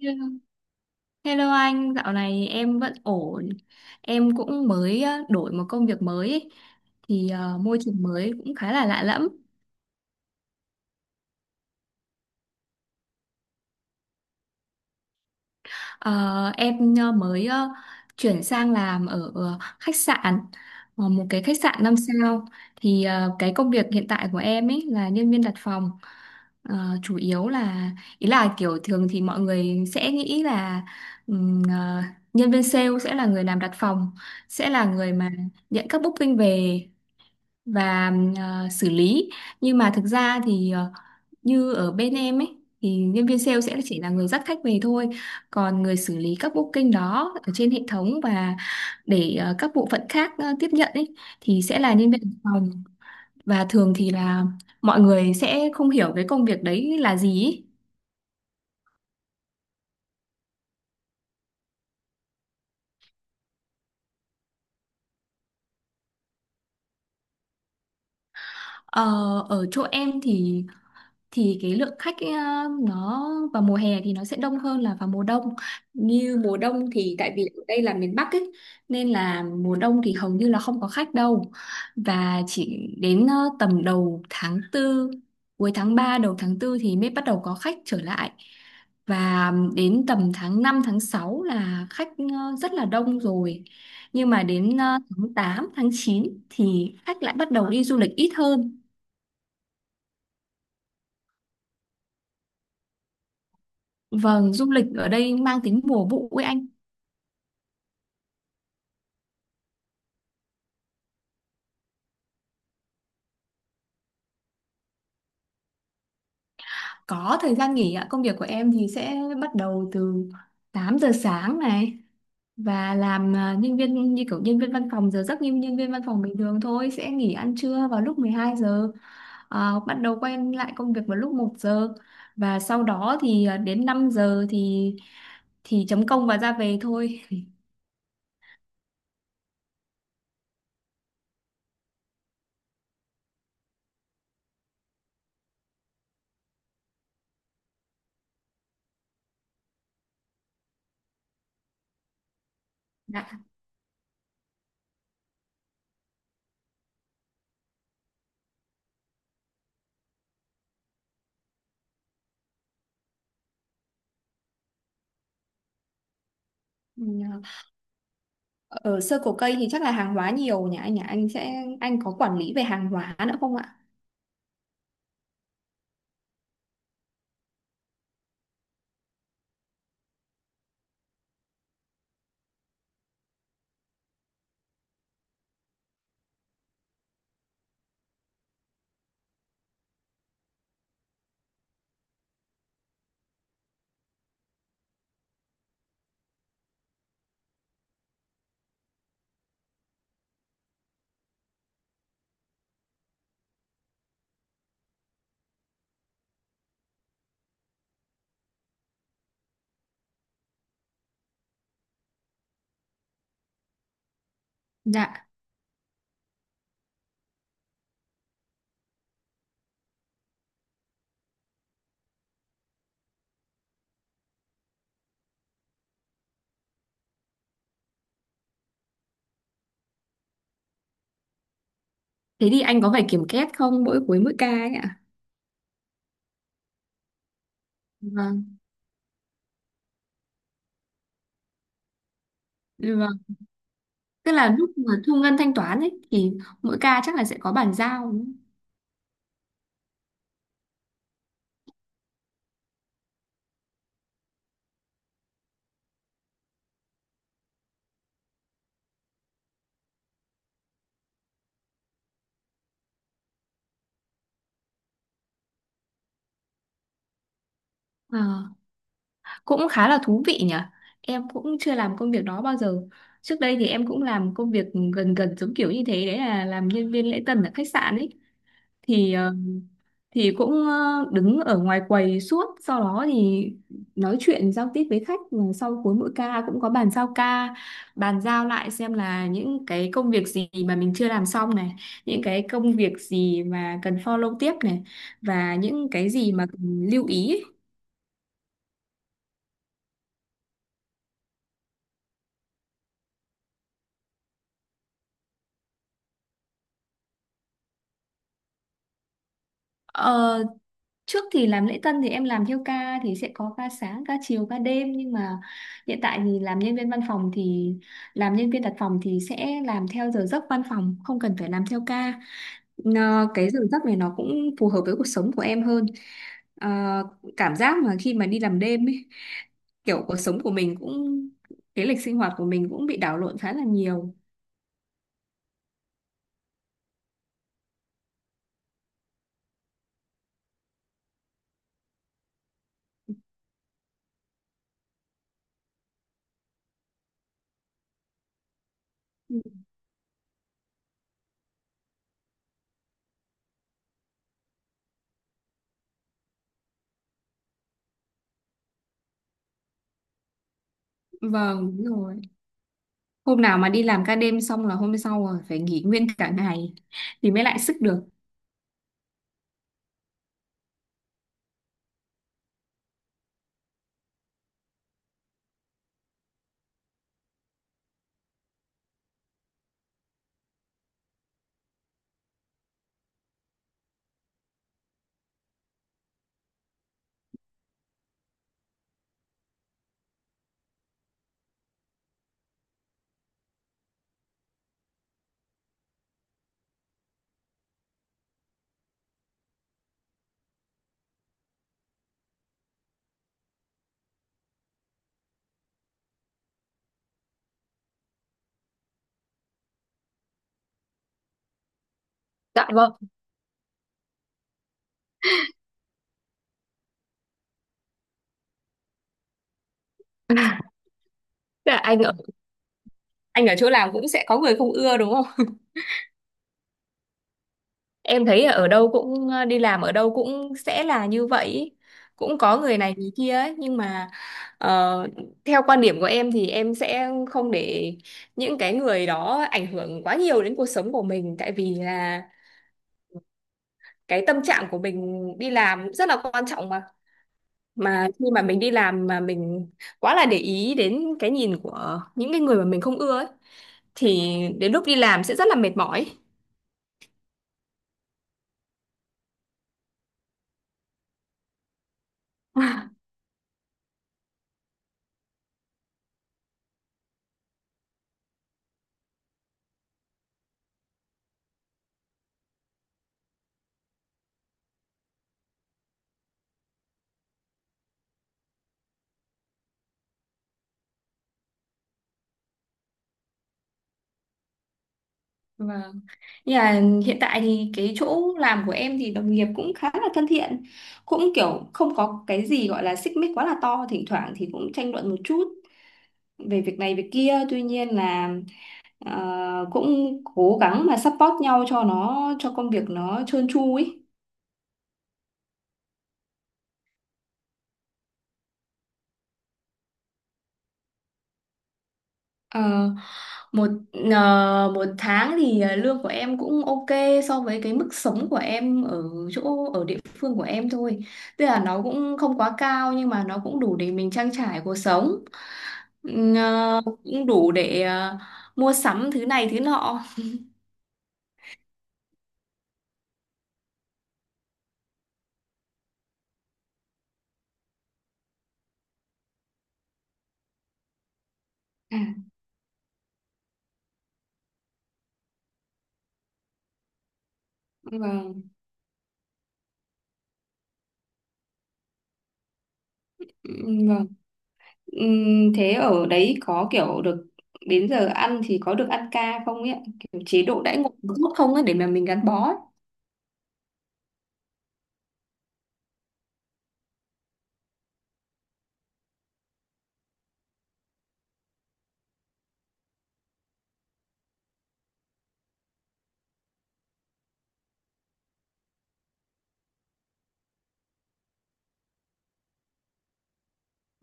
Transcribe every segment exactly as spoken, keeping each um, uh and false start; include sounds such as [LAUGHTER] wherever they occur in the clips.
Hello. Hello anh, dạo này em vẫn ổn. Em cũng mới ờ, đổi một công việc mới ý. Thì ờ, môi trường mới cũng khá là lạ lẫm. Ờ, em ờ, mới ờ, chuyển sang làm ở ờ, khách sạn, ờ, một cái khách sạn năm sao. Thì ờ, cái công việc hiện tại của em ấy là nhân viên đặt phòng. Ờ, Chủ yếu là ý là kiểu thường thì mọi người sẽ nghĩ là ừm, ờ, nhân viên sale sẽ là người làm đặt phòng, sẽ là người mà nhận các booking về và ờ, xử lý. Nhưng mà thực ra thì ờ, như ở bên em ấy thì nhân viên sale sẽ chỉ là người dắt khách về thôi, còn người xử lý các booking đó ở trên hệ thống và để ờ, các bộ phận khác ờ, tiếp nhận ấy thì sẽ là nhân viên văn phòng. Và thường thì là mọi người sẽ không hiểu cái công việc đấy là gì ý. Ờ, Ở chỗ em thì thì cái lượng khách ấy, à, nó vào mùa hè thì nó sẽ đông hơn là vào mùa đông. Như mùa đông thì tại vì ở đây là miền Bắc ấy nên là mùa đông thì hầu như là không có khách đâu, và chỉ đến ờ, tầm đầu tháng Tư, cuối tháng Ba, đầu tháng Tư thì mới bắt đầu có khách trở lại, và đến tầm tháng Năm, tháng Sáu là khách ờ, rất là đông rồi. Nhưng mà đến ờ, tháng Tám, tháng Chín thì khách lại bắt đầu đi du lịch ít hơn. Vâng, du lịch ở đây mang tính mùa vụ ấy anh. Có thời gian nghỉ ạ. Công việc của em thì sẽ bắt đầu từ tám giờ sáng này, và làm à, nhân viên như kiểu nhân viên văn phòng, giờ giấc như nhân viên văn phòng bình thường thôi, sẽ nghỉ ăn trưa vào lúc mười hai giờ, à, bắt đầu quay lại công việc vào lúc một giờ, và sau đó thì à, đến năm giờ thì thì chấm công và ra về thôi. Dạ. Ừ, ở sơ cổ cây thì chắc là hàng hóa nhiều nhỉ anh nhỉ? Anh sẽ anh có quản lý về hàng hóa nữa không ạ? Dạ. Thế thì anh có phải kiểm kết không mỗi cuối mỗi ca ấy ạ? Vâng, vâng. Tức là lúc mà thu ngân thanh toán ấy thì mỗi ca chắc là sẽ có bàn giao, đúng không? Ờ, Cũng khá là thú vị nhỉ. Em cũng chưa làm công việc đó bao giờ. Trước đây thì em cũng làm công việc gần gần giống kiểu như thế, đấy là làm nhân viên lễ tân ở khách sạn ấy. Thì ờ, thì cũng ờ, đứng ở ngoài quầy suốt, sau đó thì nói chuyện giao tiếp với khách. Và sau cuối mỗi ca cũng có bàn giao ca, bàn giao lại xem là những cái công việc gì mà mình chưa làm xong này, những cái công việc gì mà cần follow tiếp này, và những cái gì mà cần lưu ý. Ờ, Trước thì làm lễ tân thì em làm theo ca thì sẽ có ca sáng, ca chiều, ca đêm, nhưng mà hiện tại thì làm nhân viên văn phòng, thì làm nhân viên đặt phòng thì sẽ làm theo giờ giấc văn phòng, không cần phải làm theo ca. Nó, cái giờ giấc này nó cũng phù hợp với cuộc sống của em hơn. Ờ, Cảm giác mà khi mà đi làm đêm ấy, kiểu cuộc sống của mình cũng cái lịch sinh hoạt của mình cũng bị đảo lộn khá là nhiều. Ừ. Vâng, đúng rồi. Hôm nào mà đi làm ca đêm xong là hôm sau rồi phải nghỉ nguyên cả ngày thì mới lại sức được. Dạ vâng. [LAUGHS] Tức là anh ở anh ở chỗ làm cũng sẽ có người không ưa đúng không? Em thấy ở đâu cũng, ờ, đi làm ở đâu cũng sẽ là như vậy ý. Cũng có người này người kia ấy, nhưng mà ờ, theo quan điểm của em thì em sẽ không để những cái người đó ảnh hưởng quá nhiều đến cuộc sống của mình, tại vì là cái tâm trạng của mình đi làm cũng rất là quan trọng mà mà khi mà mình đi làm mà mình quá là để ý đến cái nhìn của những cái người mà mình không ưa ấy, thì đến lúc đi làm sẽ rất là mệt mỏi. [LAUGHS] Vâng. Nhưng mà hiện tại thì cái chỗ làm của em thì đồng nghiệp cũng khá là thân thiện, cũng kiểu không có cái gì gọi là xích mích quá là to, thỉnh thoảng thì cũng tranh luận một chút về việc này việc kia, tuy nhiên là ờ, cũng cố gắng mà support nhau cho nó cho công việc nó trơn tru ấy. Ờ, một ờ, một tháng thì ờ, lương của em cũng ok so với cái mức sống của em ở chỗ ở địa phương của em thôi. Tức là nó cũng không quá cao nhưng mà nó cũng đủ để mình trang trải cuộc sống. Ừm, ờ, cũng đủ để ờ, mua sắm thứ này thứ nọ. À, vâng, ừm, vâng. Ừm, thế ở đấy có kiểu được đến giờ ăn thì có được ăn ca không ấy? Ạ? Kiểu chế độ đãi ngộ có tốt không ấy để mà mình gắn bó ấy.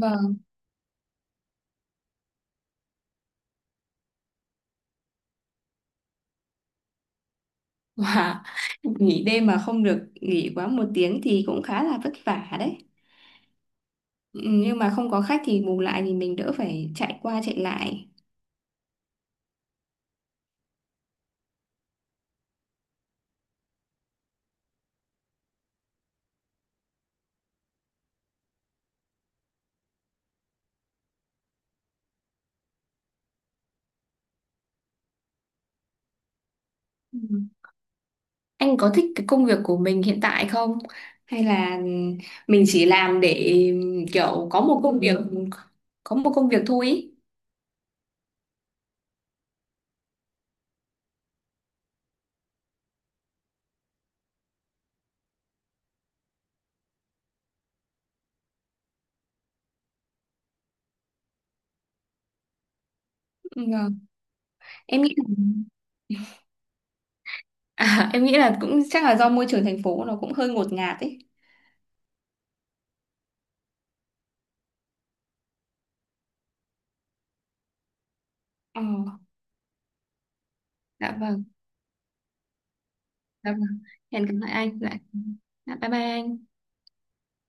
Vâng. [LAUGHS] Wow. Nghỉ đêm mà không được nghỉ quá một tiếng thì cũng khá là vất vả đấy. Ừ, nhưng mà không có khách thì bù lại thì mình đỡ phải chạy qua chạy lại. Ừ. Anh có thích cái công việc của mình hiện tại không? Hay là mình chỉ làm để kiểu có một công việc có một công việc thôi ý. Ừ, vâng. Em nghĩ là, [LAUGHS] à, em nghĩ là cũng chắc là do môi trường thành phố nó cũng hơi ngột ngạt ấy. Ờ, dạ vâng, dạ vâng. Hẹn gặp lại anh lại. Dạ, bye bye anh.